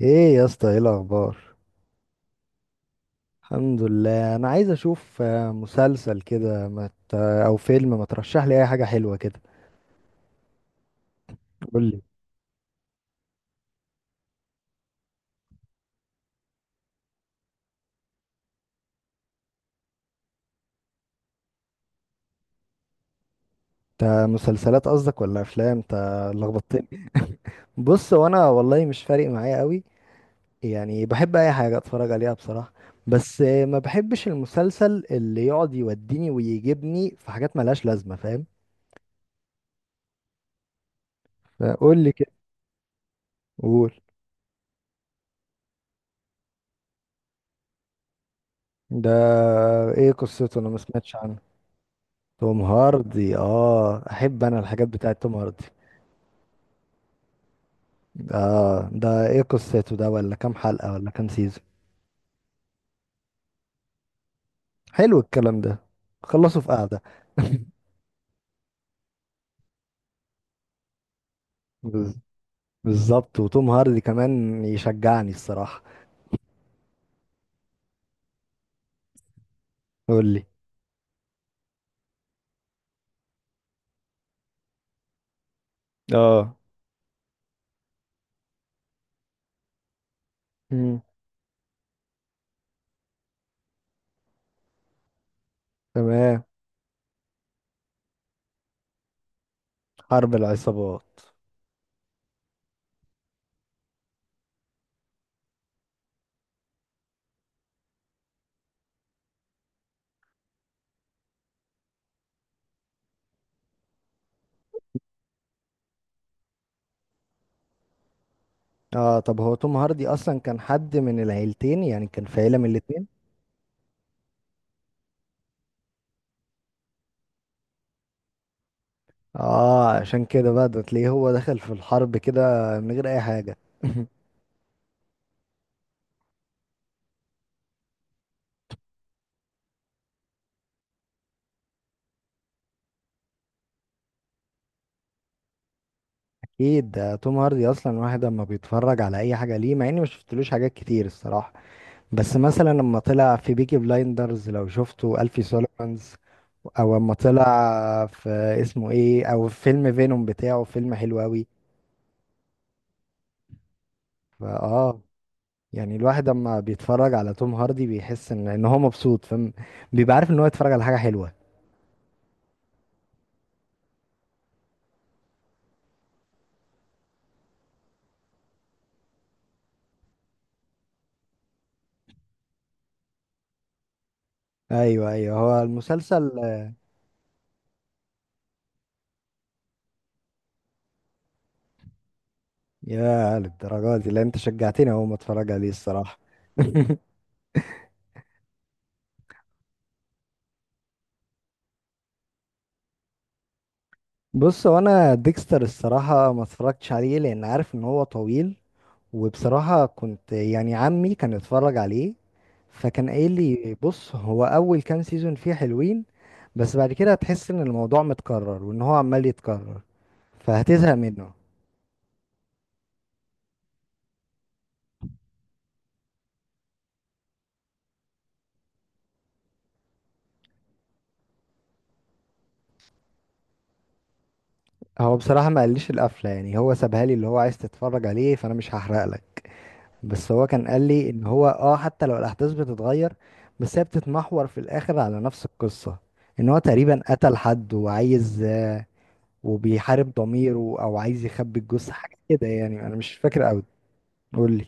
ايه يا اسطى، ايه الاخبار؟ الحمد لله. انا عايز اشوف مسلسل كده، ما ت- او فيلم. ما ترشح لي اي حاجه حلوه كده. قول لي انت، مسلسلات قصدك ولا افلام؟ انت لخبطتني. بص، وانا والله مش فارق معايا قوي. يعني بحب اي حاجه اتفرج عليها بصراحه. بس ما بحبش المسلسل اللي يقعد يوديني ويجيبني في حاجات ملهاش لازمه، فاهم. قول لي كده، قول. ده ايه قصته؟ انا ما سمعتش عنه. توم هاردي، اه، احب انا الحاجات بتاعت توم هاردي. اه، ده ايه قصته ده؟ ولا كام حلقة؟ ولا كام سيزون؟ حلو الكلام ده. خلصوا في قعدة. بز- بالظبط. وتوم هاردي كمان يشجعني الصراحة. يقول لي. اه. مم. تمام. حرب العصابات. اه، طب هو توم هاردي اصلا كان حد من العيلتين؟ يعني كان في عيلة من الاتنين؟ اه، عشان كده بقى ده تلاقيه هو دخل في الحرب كده من غير اي حاجة. اكيد، ده توم هاردي اصلا واحد اما بيتفرج على اي حاجه ليه، مع اني ما شفتلوش حاجات كتير الصراحه. بس مثلا لما طلع في بيكي بلايندرز، لو شفته الفي سوليفانز، او اما طلع في اسمه ايه، او في فيلم فينوم بتاعه، فيلم حلو قوي. فاه. يعني الواحد اما بيتفرج على توم هاردي بيحس ان هو مبسوط، فاهم. بيبقى عارف ان هو يتفرج على حاجه حلوه. ايوه، ايوه، هو المسلسل. يا للدرجه دي؟ لا، انت شجعتني اهو، ما اتفرج عليه الصراحه. بص، هو انا ديكستر الصراحة ما اتفرجتش عليه لان عارف ان هو طويل. وبصراحة كنت يعني عمي كان اتفرج عليه، فكان قايل لي بص، هو اول كام سيزون فيه حلوين، بس بعد كده هتحس ان الموضوع متكرر وان هو عمال يتكرر، فهتزهق منه. هو بصراحة ما قاليش القفلة، يعني هو سابها لي اللي هو عايز تتفرج عليه، فانا مش هحرق لك. بس هو كان قال لي ان هو، اه، حتى لو الاحداث بتتغير، بس هي بتتمحور في الاخر على نفس القصة. ان هو تقريبا قتل حد وعايز، وبيحارب ضميره، او عايز يخبي الجثة، حاجة كده يعني، انا مش فاكر قوي. قول لي.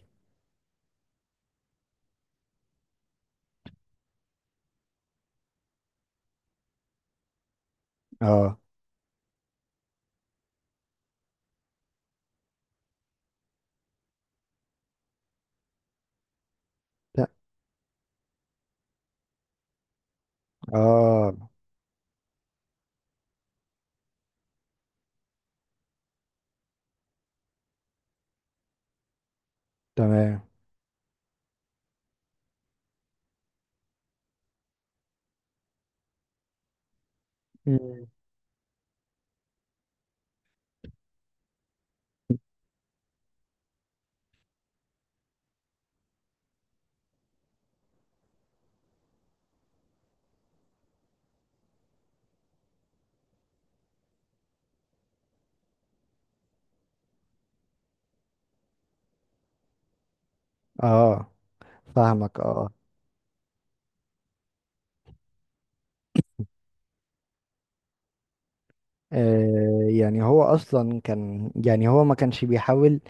اه. ت- اه. تمام. مم. اه، فاهمك. اه. يعني هو اصلا كان، يعني هو ما كانش بيحاول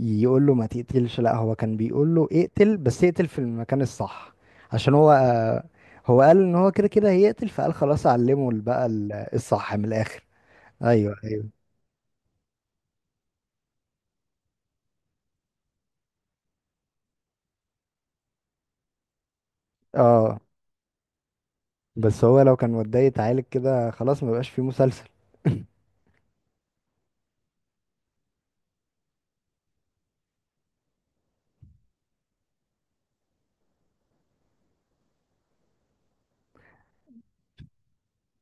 يقول له ما تقتلش، لا، هو كان بيقول له اقتل، بس اقتل في المكان الصح. عشان هو، هو قال ان هو كده كده هيقتل، فقال خلاص اعلمه بقى الصح من الاخر. ايوه، ايوه، اه. بس هو لو كان وداه يتعالج كده، خلاص، ما بقاش فيه مسلسل.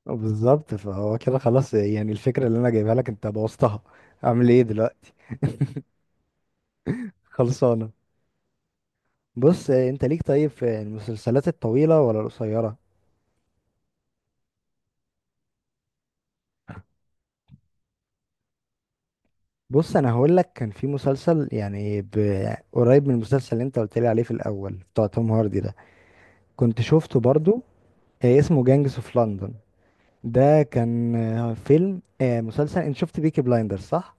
بالظبط. فهو كده خلاص، يعني الفكرة اللي انا جايبها لك انت بوظتها، اعمل ايه دلوقتي؟ خلصانة. بص، انت ليك طيب في المسلسلات الطويلة ولا القصيرة؟ بص، انا هقول لك، كان في مسلسل يعني قريب من المسلسل اللي انت قلت لي عليه في الاول بتاع توم هاردي ده، كنت شفته برضو. اسمه جانجس اوف لندن. ده كان، فيلم، مسلسل. انت شفت بيكي بلايندر صح؟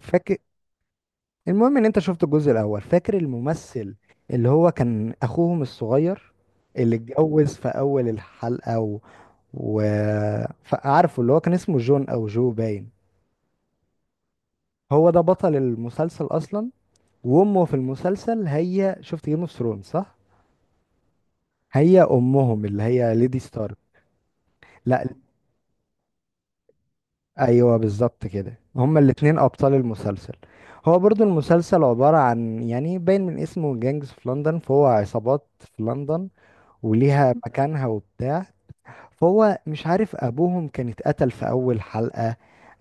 فاكر. المهم ان انت شفت الجزء الاول، فاكر الممثل اللي هو كان اخوهم الصغير اللي اتجوز في اول الحلقة و... فعارفه اللي هو كان اسمه جون او جو باين. هو ده بطل المسلسل اصلا. وامه في المسلسل، هي شفت جيم اوف ثرونز صح؟ هي امهم اللي هي ليدي ستارك. لا، ايوه بالظبط كده، هما الاتنين ابطال المسلسل. هو برضو المسلسل عبارة عن، يعني باين من اسمه جانجز في لندن، فهو عصابات في لندن وليها مكانها وبتاع. فهو مش عارف ابوهم كان اتقتل في اول حلقة،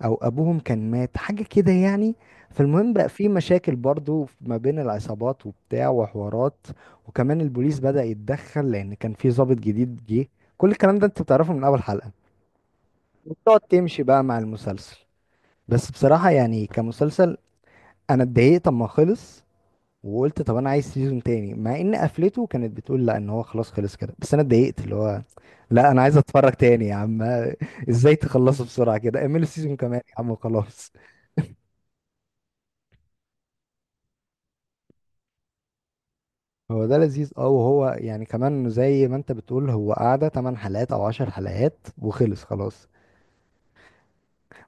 او ابوهم كان مات، حاجة كده يعني. فالمهم بقى في مشاكل برضو ما بين العصابات وبتاع وحوارات، وكمان البوليس بدأ يتدخل لان كان في ضابط جديد جه، كل الكلام ده انت بتعرفه من اول حلقة، وبتقعد تمشي بقى مع المسلسل. بس بصراحة يعني كمسلسل، انا اتضايقت اما خلص، وقلت طب انا عايز سيزون تاني، مع ان قفلته كانت بتقول لا ان هو خلاص خلص كده، بس انا اتضايقت اللي هو، لا انا عايز اتفرج تاني يا عم. ازاي تخلصه بسرعه كده؟ اعملوا سيزون كمان يا عم وخلاص. هو ده لذيذ اه، وهو يعني كمان زي ما انت بتقول، هو قعدة 8 حلقات او 10 حلقات وخلص خلاص.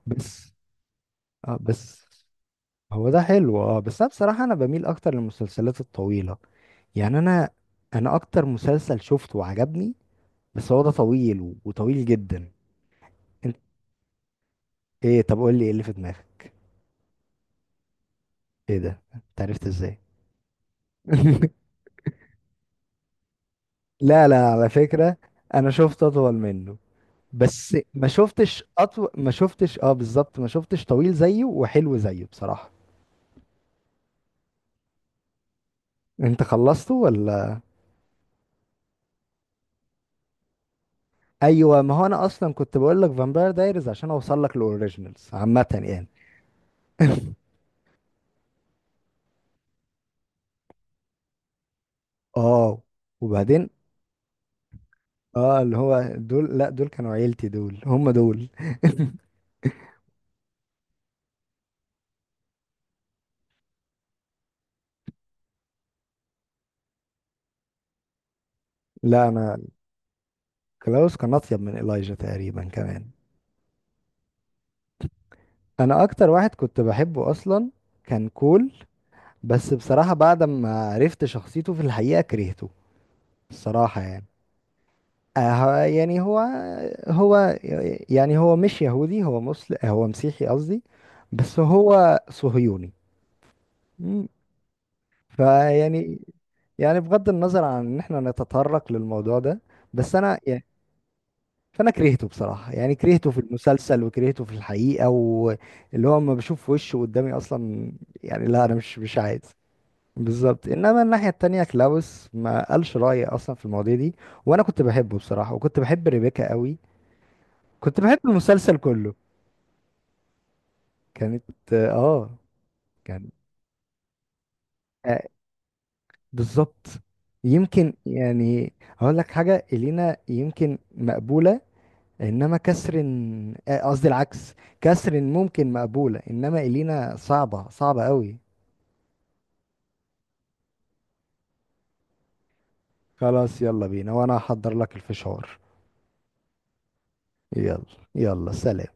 بس اه، بس هو ده حلو اه، بس انا بصراحه انا بميل اكتر للمسلسلات الطويله. يعني انا اكتر مسلسل شفته وعجبني، بس هو ده طويل وطويل جدا. ايه؟ طب قول لي، ايه اللي في دماغك؟ ايه ده؟ انت عرفت ازاي؟ لا، لا على فكرة، انا شفت اطول منه. بس ما شفتش اطول، ما شفتش، اه، بالظبط، ما شفتش طويل زيه وحلو زيه بصراحة. انت خلصته ولا؟ ايوه، ما هو انا اصلا كنت بقول لك فامباير دايريز عشان اوصل لك الاوريجينالز عامة يعني. اه، وبعدين؟ اه، اللي هو دول، لا دول كانوا عيلتي، دول هم دول. لا، انا كلاوس كان اطيب من إلايجا تقريبا كمان. انا اكتر واحد كنت بحبه اصلا، كان كول. بس بصراحة بعد ما عرفت شخصيته في الحقيقة كرهته الصراحة يعني. يعني هو، هو يعني هو مش يهودي، هو مسلم، هو مسيحي قصدي، بس هو صهيوني. مم. فيعني، يعني بغض النظر عن ان احنا نتطرق للموضوع ده، بس انا يعني، فانا كرهته بصراحة، يعني كرهته في المسلسل وكرهته في الحقيقة، واللي هو لما بشوف وشه قدامي اصلا، يعني لا، انا مش عايز. بالظبط، انما الناحيه التانية كلاوس ما قالش رايه اصلا في المواضيع دي. وانا كنت بحبه بصراحه، وكنت بحب ريبيكا قوي، كنت بحب المسلسل كله. كانت، اه كان، آه، بالظبط، يمكن يعني، هقول لك حاجه، الينا يمكن مقبوله، انما كسرين، قصدي العكس، كسرين ممكن مقبوله، انما الينا صعبه صعبه قوي. خلاص يلا بينا، وانا هحضر لك الفشار. يلا، يلا، سلام.